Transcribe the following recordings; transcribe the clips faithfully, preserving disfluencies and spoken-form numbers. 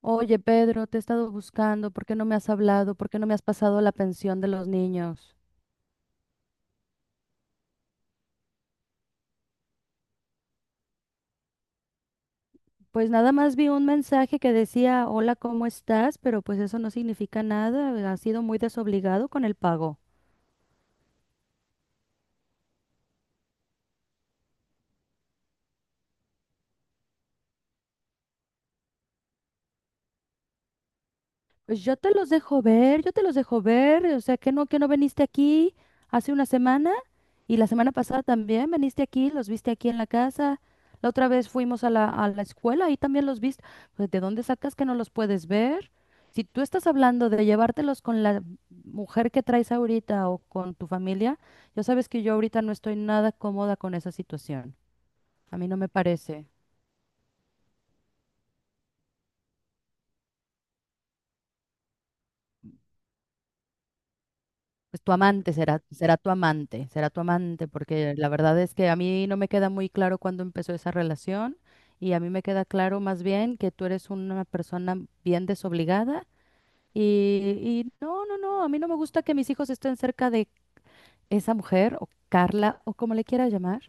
Oye, Pedro, te he estado buscando, ¿por qué no me has hablado? ¿Por qué no me has pasado la pensión de los niños? Pues nada más vi un mensaje que decía, hola, ¿cómo estás? Pero pues eso no significa nada, has sido muy desobligado con el pago. Pues yo te los dejo ver, yo te los dejo ver, o sea, que no, que no viniste aquí hace una semana. Y la semana pasada también viniste aquí, los viste aquí en la casa. La otra vez fuimos a la, a la escuela y también los viste. Pues, ¿de dónde sacas que no los puedes ver? Si tú estás hablando de llevártelos con la mujer que traes ahorita o con tu familia, ya sabes que yo ahorita no estoy nada cómoda con esa situación. A mí no me parece. Pues tu amante será, será tu amante, será tu amante, porque la verdad es que a mí no me queda muy claro cuándo empezó esa relación y a mí me queda claro más bien que tú eres una persona bien desobligada y, y no, no, no, a mí no me gusta que mis hijos estén cerca de esa mujer o Carla o como le quieras llamar.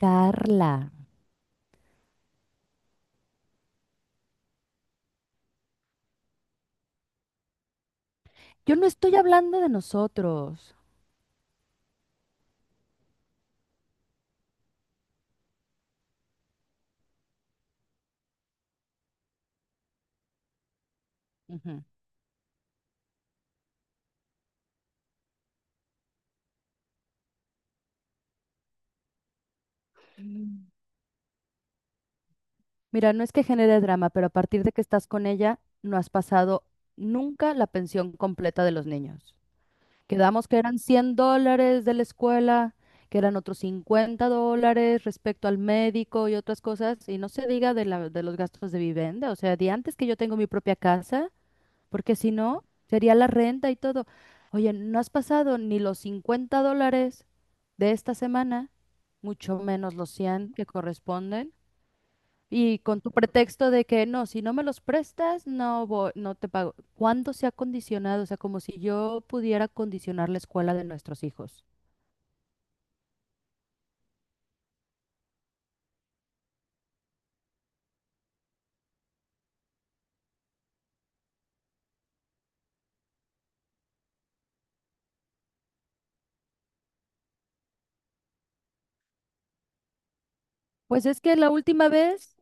Carla, yo no estoy hablando de nosotros. Ujú. Mm. Mira, no es que genere drama, pero a partir de que estás con ella, no has pasado nunca la pensión completa de los niños. Quedamos que eran cien dólares de la escuela, que eran otros cincuenta dólares respecto al médico y otras cosas, y no se diga de la, de los gastos de vivienda, o sea, de antes que yo tengo mi propia casa, porque si no, sería la renta y todo. Oye, no has pasado ni los cincuenta dólares de esta semana, mucho menos los cien que corresponden. Y con tu pretexto de que no, si no me los prestas, no voy- no te pago. ¿Cuándo se ha condicionado? O sea, como si yo pudiera condicionar la escuela de nuestros hijos. Pues es que la última vez,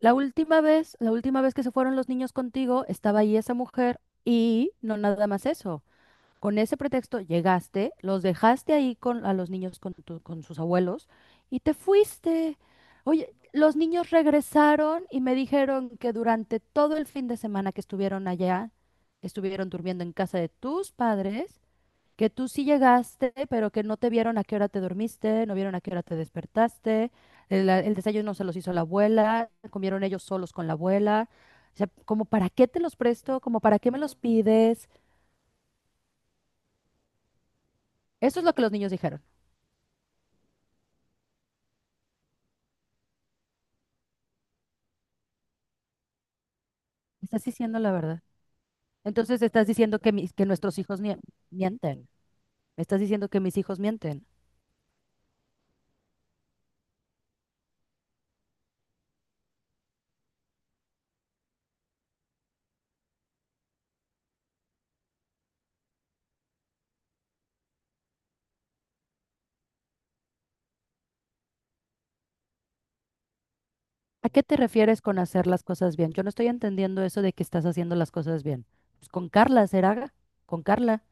la última vez, la última vez que se fueron los niños contigo, estaba ahí esa mujer y no nada más eso. Con ese pretexto llegaste, los dejaste ahí con a los niños con, tu- con sus abuelos y te fuiste. Oye, los niños regresaron y me dijeron que durante todo el fin de semana que estuvieron allá, estuvieron durmiendo en casa de tus padres, que tú sí llegaste, pero que no te vieron a qué hora te dormiste, no vieron a qué hora te despertaste, el, el desayuno se los hizo la abuela, comieron ellos solos con la abuela. O sea, como para qué te los presto, como para qué me los pides. Eso es lo que los niños dijeron. Estás diciendo la verdad. Entonces estás diciendo que, mis, que nuestros hijos mie- mienten. Me estás diciendo que mis hijos mienten. ¿A qué te refieres con hacer las cosas bien? Yo no estoy entendiendo eso de que estás haciendo las cosas bien. Pues con Carla, ¿será? Con Carla.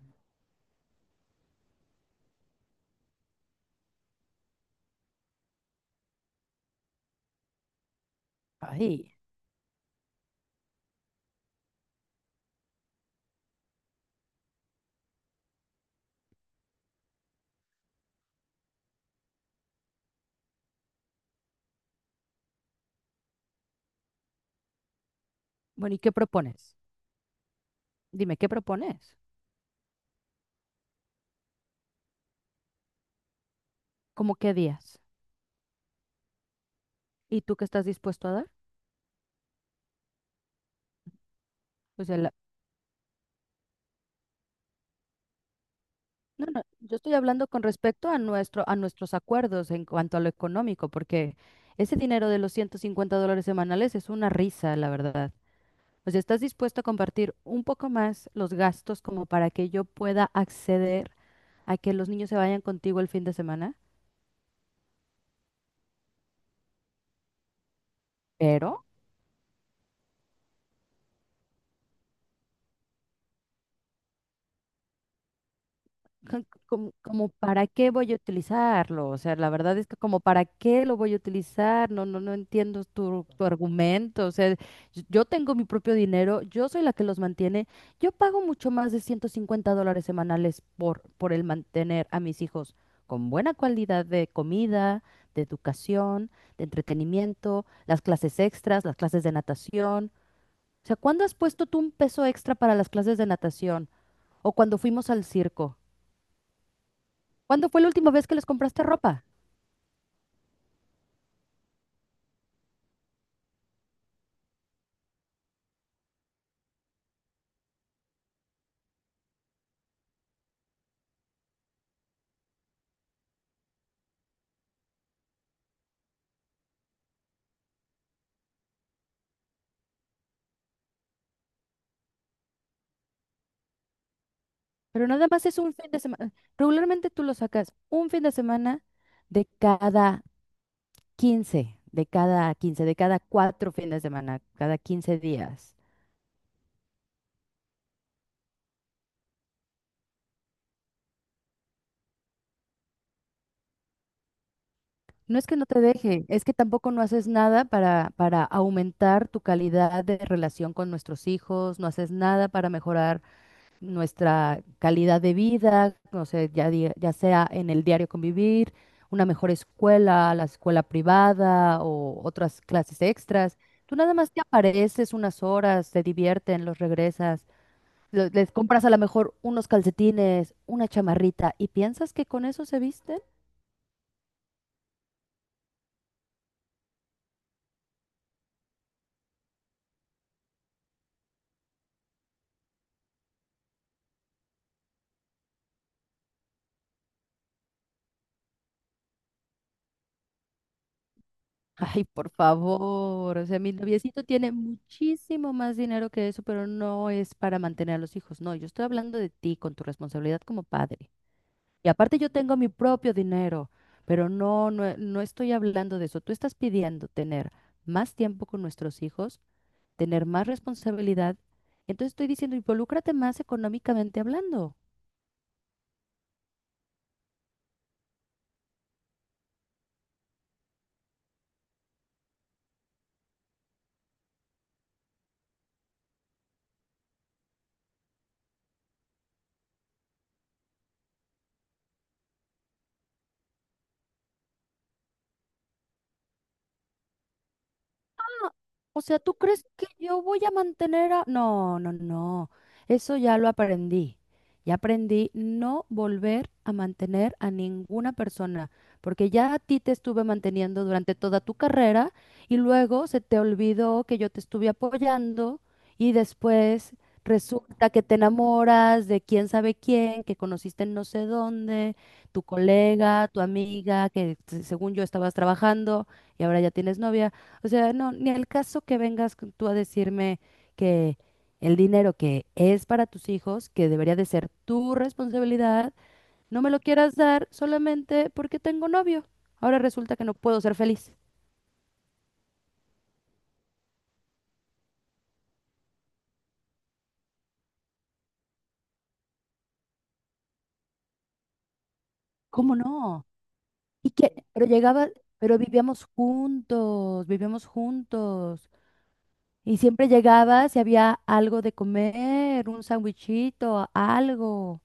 Ay. Bueno, ¿y qué propones? Dime, ¿qué propones? ¿Cómo qué días? ¿Y tú qué estás dispuesto a dar? O sea, la- no, no, yo estoy hablando con respecto a nuestro, a nuestros acuerdos en cuanto a lo económico, porque ese dinero de los ciento cincuenta dólares semanales es una risa, la verdad. O sea, ¿estás dispuesto a compartir un poco más los gastos como para que yo pueda acceder a que los niños se vayan contigo el fin de semana? Pero ja, como, como para qué voy a utilizarlo, o sea, la verdad es que como para qué lo voy a utilizar, no, no, no entiendo tu, tu argumento, o sea, yo yo tengo mi propio dinero, yo soy la que los mantiene, yo pago mucho más de ciento cincuenta dólares semanales por, por el mantener a mis hijos con buena calidad de comida, de educación, de entretenimiento, las clases extras, las clases de natación, o sea, ¿cuándo has puesto tú un peso extra para las clases de natación o cuando fuimos al circo? ¿Cuándo fue la última vez que les compraste ropa? Pero nada más es un fin de semana. Regularmente tú lo sacas un fin de semana de cada quince, de cada quince, de cada cuatro fines de semana, cada quince días. No es que no te deje, es que tampoco no haces nada para, para aumentar tu calidad de relación con nuestros hijos, no haces nada para mejorar nuestra calidad de vida, o sea, ya, di- ya sea en el diario convivir, una mejor escuela, la escuela privada o otras clases extras. Tú nada más te apareces unas horas, te divierten, los regresas, lo- les compras a lo mejor unos calcetines, una chamarrita y piensas que con eso se visten. Ay, por favor, o sea, mi noviecito tiene muchísimo más dinero que eso, pero no es para mantener a los hijos. No, yo estoy hablando de ti con tu responsabilidad como padre. Y aparte yo tengo mi propio dinero, pero no, no, eh, no estoy hablando de eso. Tú estás pidiendo tener más tiempo con nuestros hijos, tener más responsabilidad. Entonces estoy diciendo, involúcrate más económicamente hablando. O sea, ¿tú crees que yo voy a mantener a...? No, no, no. Eso ya lo aprendí. Ya aprendí no volver a mantener a ninguna persona, porque ya a ti te estuve manteniendo durante toda tu carrera y luego se te olvidó que yo te estuve apoyando y después resulta que te enamoras de quién sabe quién, que conociste en no sé dónde, tu colega, tu amiga, que según yo estabas trabajando y ahora ya tienes novia. O sea, no, ni al caso que vengas con- tú a decirme que el dinero que es para tus hijos, que debería de ser tu responsabilidad, no me lo quieras dar solamente porque tengo novio. Ahora resulta que no puedo ser feliz. ¿Cómo no? Y que, pero llegaba, pero vivíamos juntos, vivíamos juntos. Y siempre llegabas y había algo de comer, un sandwichito, algo.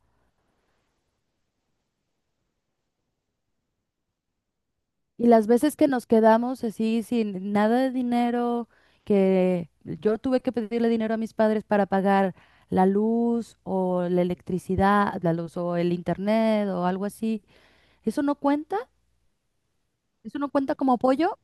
Y las veces que nos quedamos así sin nada de dinero, que yo tuve que pedirle dinero a mis padres para pagar la luz o la electricidad, la luz o el internet o algo así, ¿eso no cuenta? ¿Eso no cuenta como apoyo?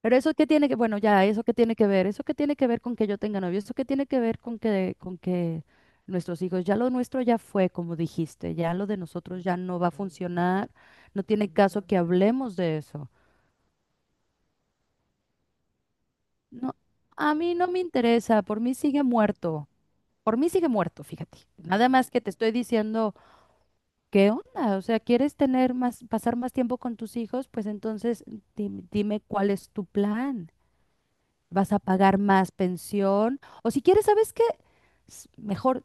Pero eso qué tiene que, bueno, ya, eso qué tiene que ver, eso qué tiene que ver con que yo tenga novio, eso qué tiene que ver con que, con que nuestros hijos, ya lo nuestro ya fue, como dijiste, ya lo de nosotros ya no va a funcionar, no tiene caso que hablemos de eso. No, a mí no me interesa, por mí sigue muerto, por mí sigue muerto, fíjate. Nada más que te estoy diciendo, ¿qué onda? O sea, ¿quieres tener más, pasar más tiempo con tus hijos? Pues entonces di- dime cuál es tu plan vas a pagar más pensión. O si quieres, ¿sabes qué? S- Mejor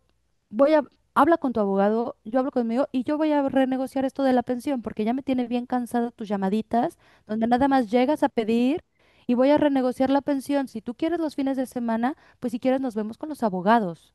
voy a, habla con tu abogado, yo hablo conmigo y yo voy a renegociar esto de la pensión porque ya me tiene bien cansada tus llamaditas, donde nada más llegas a pedir y voy a renegociar la pensión. Si tú quieres los fines de semana, pues si quieres nos vemos con los abogados.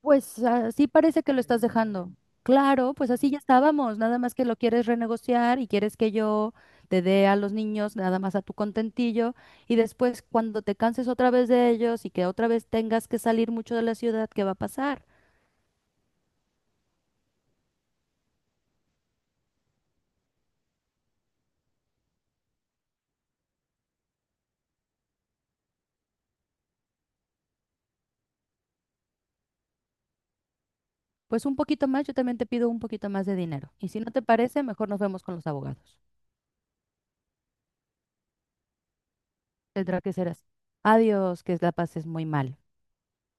Pues así parece que lo estás dejando. Claro, pues así ya estábamos, nada más que lo quieres renegociar y quieres que yo te dé a los niños nada más a tu contentillo y después cuando te canses otra vez de ellos y que otra vez tengas que salir mucho de la ciudad, ¿qué va a pasar? Pues un poquito más, yo también te pido un poquito más de dinero. Y si no te parece, mejor nos vemos con los abogados. Tendrá que ser así. Adiós, que la pases muy mal.